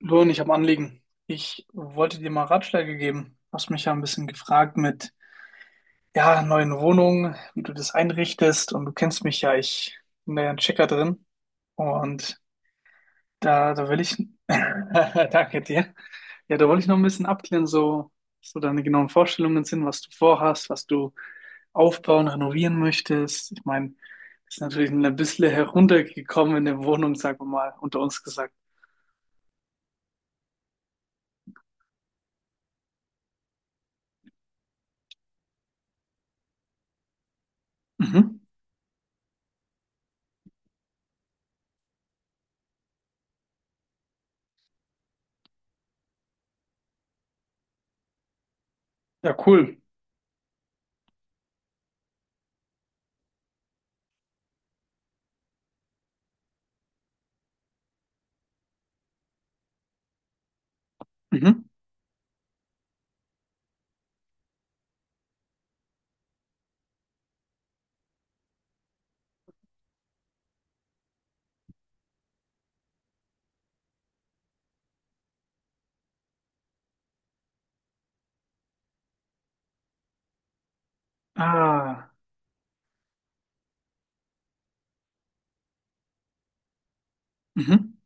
Luan, ich habe ein Anliegen. Ich wollte dir mal Ratschläge geben. Du hast mich ja ein bisschen gefragt mit, ja, neuen Wohnungen, wie du das einrichtest. Und du kennst mich ja, ich bin da ja ein Checker drin. Und da will ich, danke dir. Ja, da wollte ich noch ein bisschen abklären, so, so deine genauen Vorstellungen sind, was du vorhast, was du aufbauen, renovieren möchtest. Ich meine, ist natürlich ein bisschen heruntergekommen in der Wohnung, sagen wir mal, unter uns gesagt. Mhm. Ja, cool. Mhm. Ah. Mhm.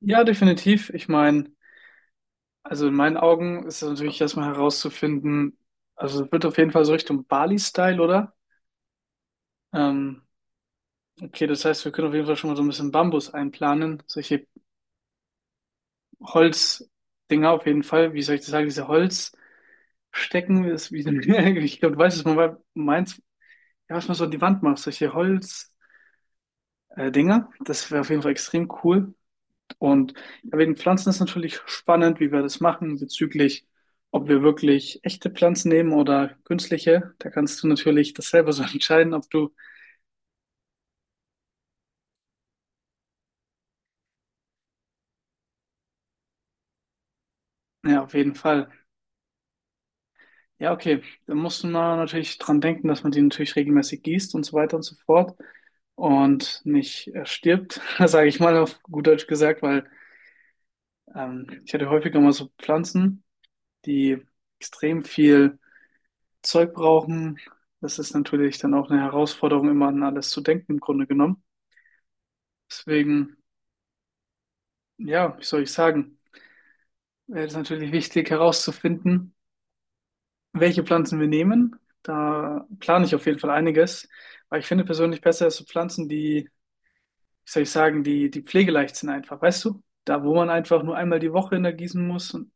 Ja, definitiv. Ich meine, also in meinen Augen ist es natürlich erstmal herauszufinden, also es wird auf jeden Fall so Richtung Bali-Style, oder? Ähm, okay, das heißt, wir können auf jeden Fall schon mal so ein bisschen Bambus einplanen, solche Holzdinger auf jeden Fall. Wie soll ich das sagen, diese Holzstecken, ist wie, ich glaube, du weißt, was man meint, ja, was man so an die Wand macht, solche Holz, Dinger. Das wäre auf jeden Fall extrem cool. Und ja, wegen Pflanzen ist natürlich spannend, wie wir das machen bezüglich, ob wir wirklich echte Pflanzen nehmen oder künstliche. Da kannst du natürlich das selber so entscheiden, ob du, ja, auf jeden Fall. Ja, okay. Da muss man natürlich dran denken, dass man die natürlich regelmäßig gießt und so weiter und so fort und nicht stirbt, sage ich mal auf gut Deutsch gesagt, weil ich hatte häufiger mal so Pflanzen, die extrem viel Zeug brauchen. Das ist natürlich dann auch eine Herausforderung, immer an alles zu denken, im Grunde genommen. Deswegen, ja, wie soll ich sagen, ist natürlich wichtig herauszufinden, welche Pflanzen wir nehmen. Da plane ich auf jeden Fall einiges, weil ich finde persönlich besser ist so Pflanzen, die, wie soll ich sagen, die pflegeleicht sind einfach, weißt du? Da, wo man einfach nur einmal die Woche in der gießen muss und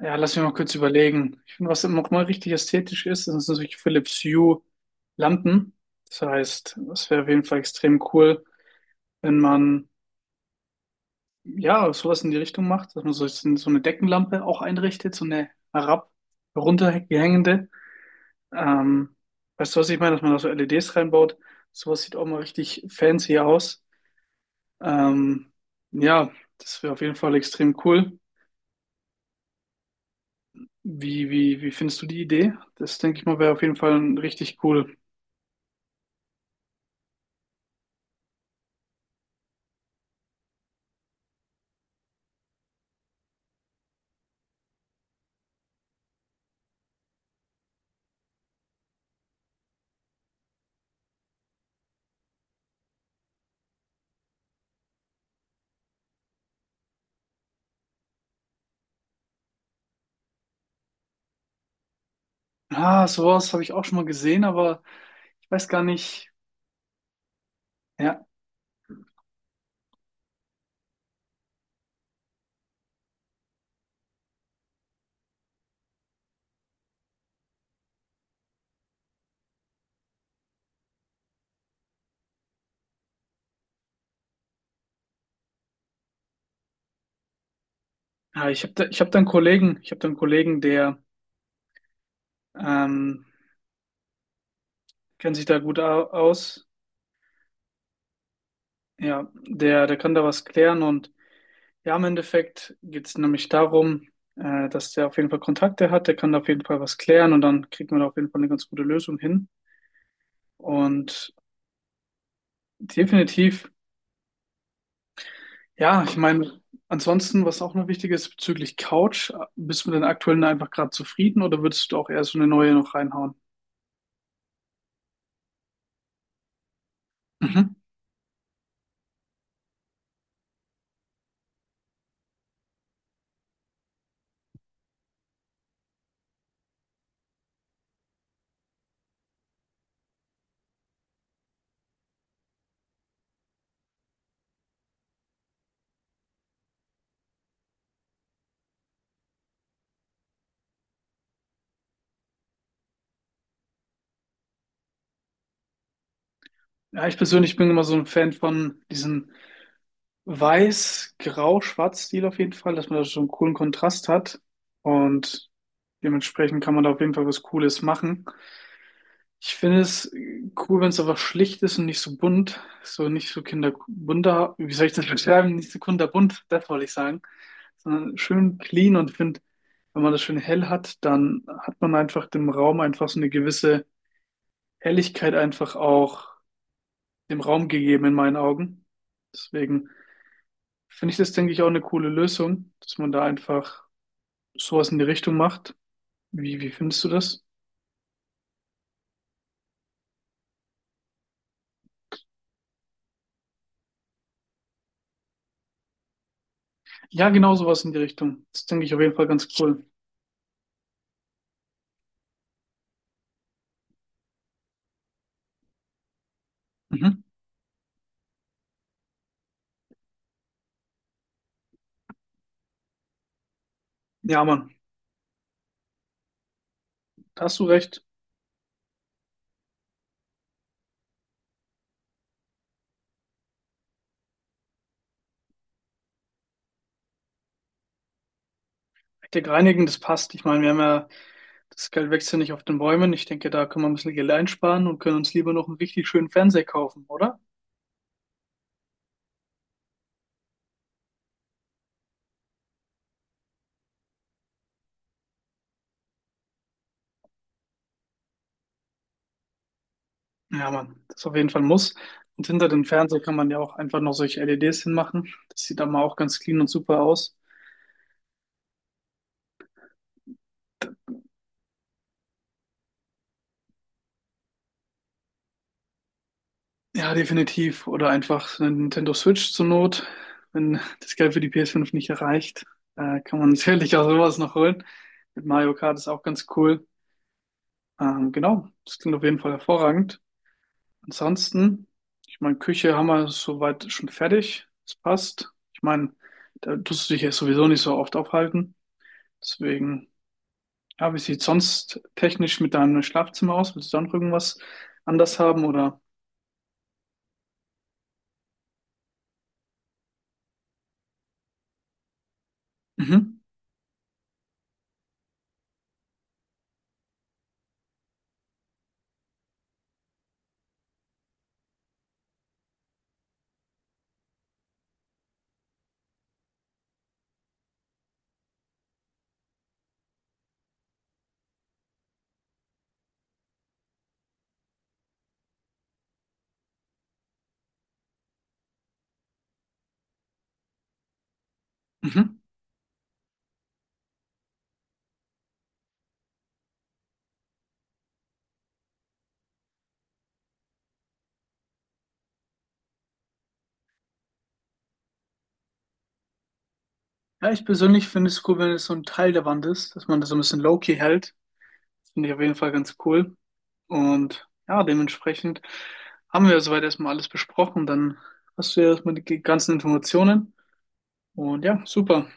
ja, lass mich mal kurz überlegen. Ich finde, was nochmal richtig ästhetisch ist, das sind solche Philips Hue Lampen. Das heißt, es wäre auf jeden Fall extrem cool, wenn man ja sowas in die Richtung macht, dass man so eine Deckenlampe auch einrichtet, so eine herab, runterhängende. Ähm, Weißt du, was ich meine? Dass man da so LEDs reinbaut. Sowas sieht auch mal richtig fancy aus. Ähm, ja, das wäre auf jeden Fall extrem cool. Wie findest du die Idee? Das denke ich mal, wäre auf jeden Fall ein richtig cool. Ah, sowas habe ich auch schon mal gesehen, aber ich weiß gar nicht. Ja, ja ich habe da, ich hab da einen Kollegen, ich habe da einen Kollegen, der ähm, kennt sich da gut aus. Ja, der kann da was klären und ja, im Endeffekt geht es nämlich darum, dass der auf jeden Fall Kontakte hat, der kann da auf jeden Fall was klären und dann kriegt man da auf jeden Fall eine ganz gute Lösung hin. Und definitiv, ja, ich meine, ansonsten, was auch noch wichtig ist bezüglich Couch, bist du mit den aktuellen einfach gerade zufrieden oder würdest du auch eher so eine neue noch reinhauen? Mhm. Ja, ich persönlich bin immer so ein Fan von diesem Weiß-Grau-Schwarz-Stil auf jeden Fall, dass man da so einen coolen Kontrast hat. Und dementsprechend kann man da auf jeden Fall was Cooles machen. Ich finde es cool, wenn es einfach schlicht ist und nicht so bunt. So nicht so kinderbunter, wie soll ich das beschreiben? Nicht so kinderbunt, das wollte ich sagen. Sondern schön clean und finde, wenn man das schön hell hat, dann hat man einfach dem Raum einfach so eine gewisse Helligkeit einfach auch dem Raum gegeben in meinen Augen. Deswegen finde ich das, denke ich, auch eine coole Lösung, dass man da einfach sowas in die Richtung macht. Wie findest du das? Ja, genau sowas in die Richtung. Das denke ich auf jeden Fall ganz cool. Mhm. Ja, Mann, da hast du recht. Hektik reinigen, das passt. Ich meine, wir haben ja, das Geld wächst ja nicht auf den Bäumen. Ich denke, da können wir ein bisschen Geld einsparen und können uns lieber noch einen richtig schönen Fernseher kaufen, oder? Ja, Mann, das ist auf jeden Fall ein Muss. Und hinter den Fernseher kann man ja auch einfach noch solche LEDs hinmachen. Das sieht dann mal auch ganz clean und super aus. Ja, definitiv. Oder einfach eine Nintendo Switch zur Not. Wenn das Geld für die PS5 nicht erreicht, kann man sicherlich auch sowas noch holen. Mit Mario Kart ist auch ganz cool. Genau, das klingt auf jeden Fall hervorragend. Ansonsten, ich meine, Küche haben wir soweit schon fertig. Das passt. Ich meine, da tust du dich ja sowieso nicht so oft aufhalten. Deswegen, ja, wie sieht sonst technisch mit deinem Schlafzimmer aus? Willst du da noch irgendwas anders haben oder? Mhm. Mhm. Ja, ich persönlich finde es cool, wenn es so ein Teil der Wand ist, dass man das so ein bisschen low-key hält. Das finde ich auf jeden Fall ganz cool. Und ja, dementsprechend haben wir soweit erstmal alles besprochen. Dann hast du ja erstmal die ganzen Informationen. Und ja, super.